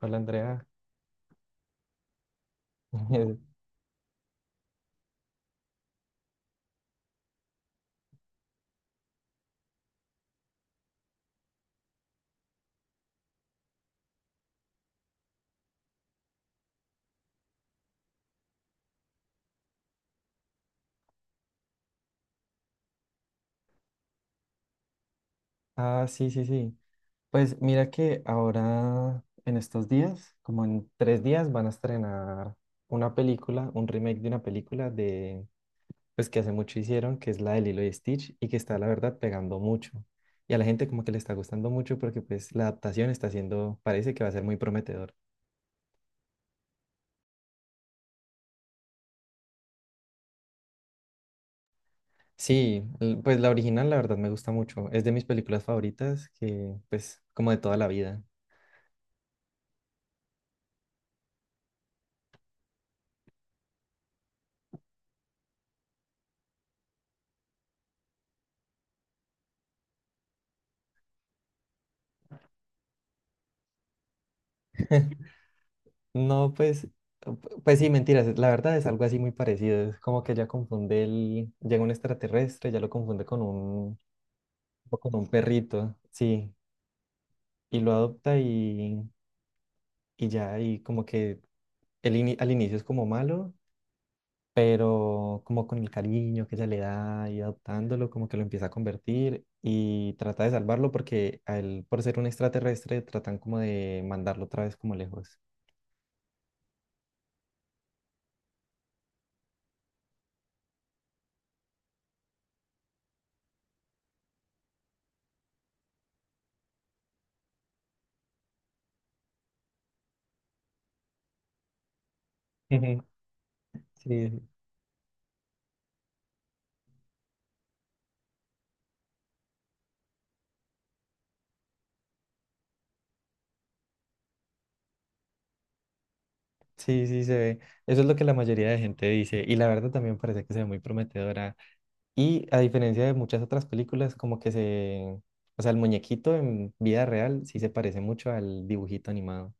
Hola Andrea. Ah, sí, sí, sí. Pues mira que ahora en estos días, como en 3 días, van a estrenar una película, un remake de una película pues que hace mucho hicieron, que es la de Lilo y Stitch y que está la verdad pegando mucho. Y a la gente como que le está gustando mucho porque pues la adaptación está siendo, parece que va a ser muy prometedor. Sí, pues la original la verdad me gusta mucho. Es de mis películas favoritas que pues como de toda la vida. No, pues, sí, mentiras. La verdad es algo así muy parecido. Es como que ya confunde llega un extraterrestre, ya lo confunde o con un perrito, sí, y lo adopta y ya, y como que al inicio es como malo, pero como con el cariño que ella le da y adoptándolo, como que lo empieza a convertir y trata de salvarlo porque a él, por ser un extraterrestre, tratan como de mandarlo otra vez como lejos. Ujú. Sí, sí, sí, se ve. Eso es lo que la mayoría de gente dice. Y la verdad también parece que se ve muy prometedora. Y a diferencia de muchas otras películas, como que se... O sea, el muñequito en vida real sí se parece mucho al dibujito animado.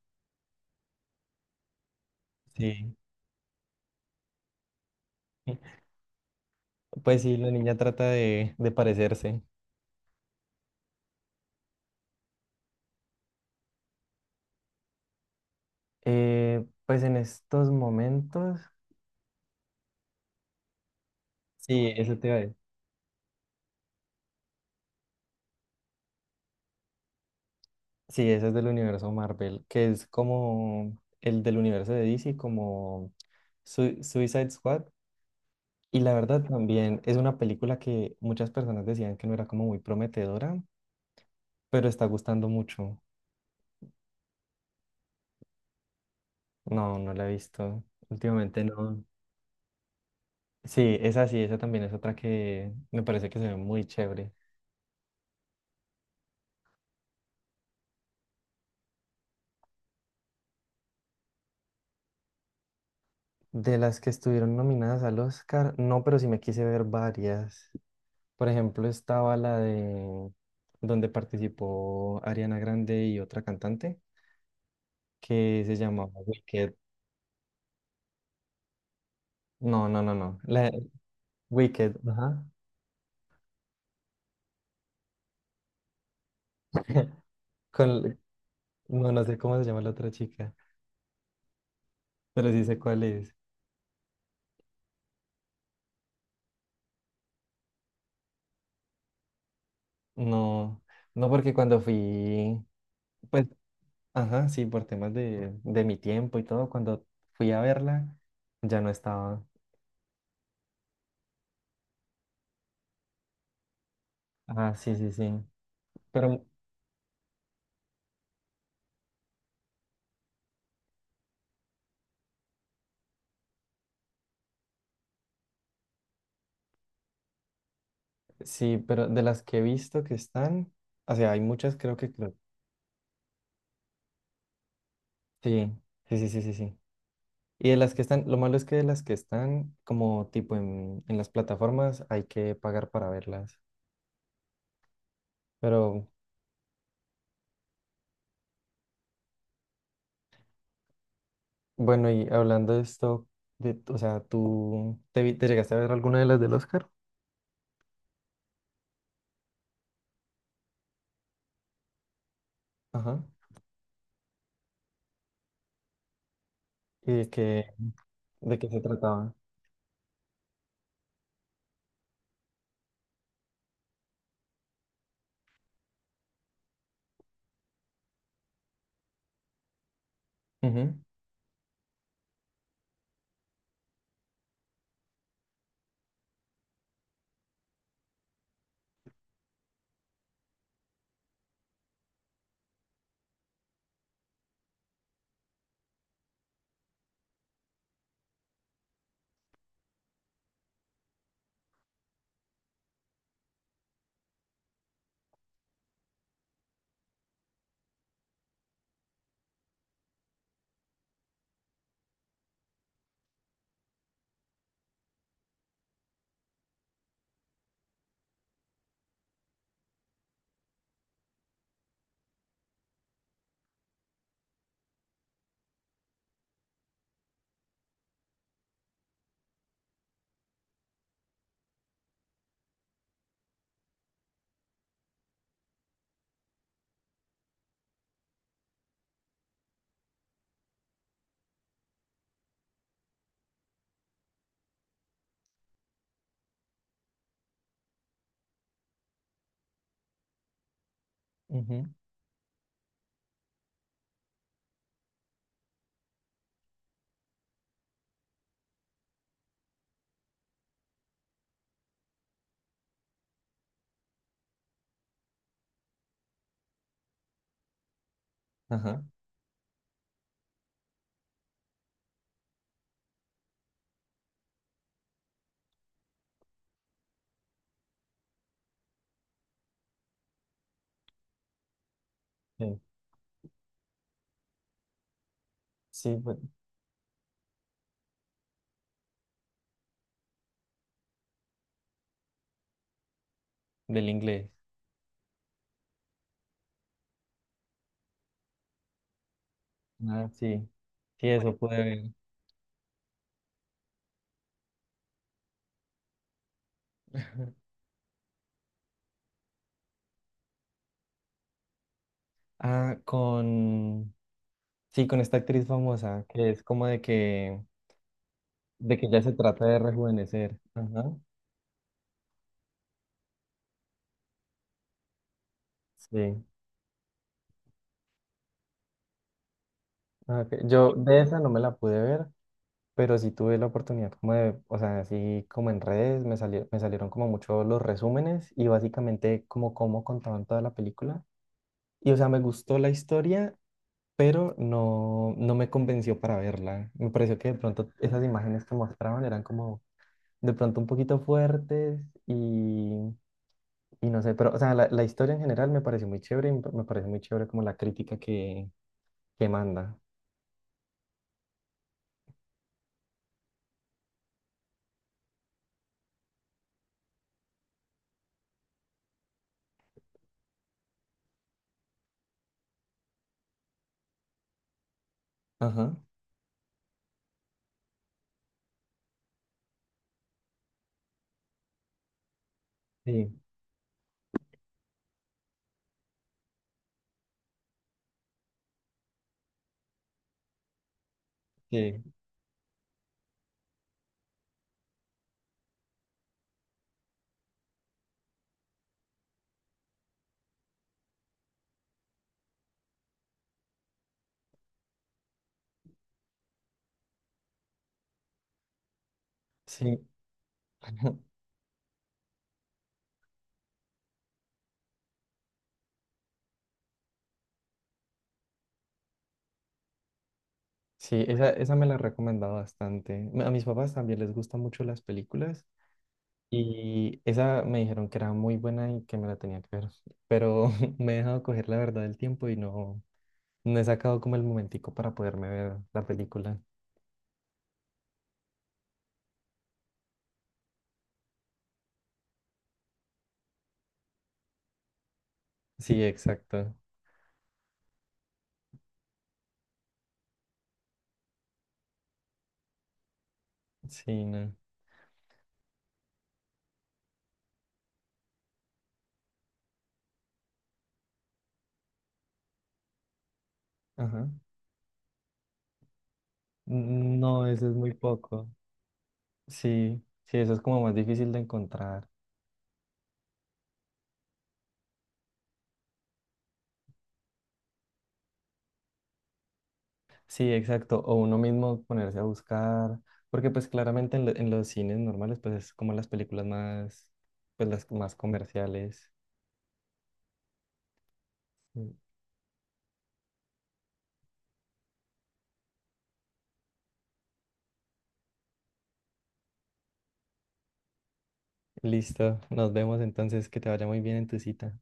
Sí. Pues sí, la niña trata de parecerse. Pues en estos momentos... Sí, eso te iba a decir. Sí, ese es del universo Marvel, que es como el del universo de DC, como Suicide Squad. Y la verdad también es una película que muchas personas decían que no era como muy prometedora, pero está gustando mucho. No, no la he visto. Últimamente no. Sí, esa también es otra que me parece que se ve muy chévere. De las que estuvieron nominadas al Oscar, no, pero sí me quise ver varias. Por ejemplo, estaba la de donde participó Ariana Grande y otra cantante que se llamaba Wicked. No, no, no, no. La Wicked, ajá. Con, No, no sé cómo se llama la otra chica, pero sí sé cuál es. No, no porque cuando fui, pues, ajá, sí, por temas de, mi tiempo y todo, cuando fui a verla, ya no estaba. Ah, sí, sí, sí. Pero sí, pero de las que he visto que están, o sea, hay muchas creo que creo. Sí, sí, sí, sí, sí, sí. Y de las que están, lo malo es que de las que están, como tipo en, las plataformas, hay que pagar para verlas. Pero bueno, y hablando de esto, o sea, te llegaste a ver alguna de las del Oscar? Ajá. ¿Y de qué, se trataba? Ujú, ujú, ajá. Sí, sí, del inglés. Ah, sí. Sí, eso pude ver. Ah, Sí, con esta actriz famosa, que es como de que ya se trata de rejuvenecer. Ajá. Sí. Ah, ok. Yo de esa no me la pude ver, pero sí tuve la oportunidad como de, o sea, así como en redes, me salieron como mucho los resúmenes y básicamente como cómo contaban toda la película. Y o sea, me gustó la historia, pero no, no me convenció para verla. Me pareció que de pronto esas imágenes que mostraban eran como de pronto un poquito fuertes y, y, no sé, pero o sea, la historia en general me pareció muy chévere y me pareció muy chévere como la crítica que, manda. Ajá. Sí, sí, sí. Sí, esa me la he recomendado bastante. A mis papás también les gustan mucho las películas y esa me dijeron que era muy buena y que me la tenía que ver, pero me he dejado coger la verdad del tiempo y no, no he sacado como el momentico para poderme ver la película. Sí, exacto. Sí, no. Ajá. No, eso es muy poco. Sí, sí, eso es como más difícil de encontrar. Sí, exacto. O uno mismo ponerse a buscar, porque pues claramente en los cines normales, pues es como las películas más, pues las más comerciales. Mm. Listo, nos vemos entonces, que te vaya muy bien en tu cita.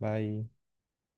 Bye.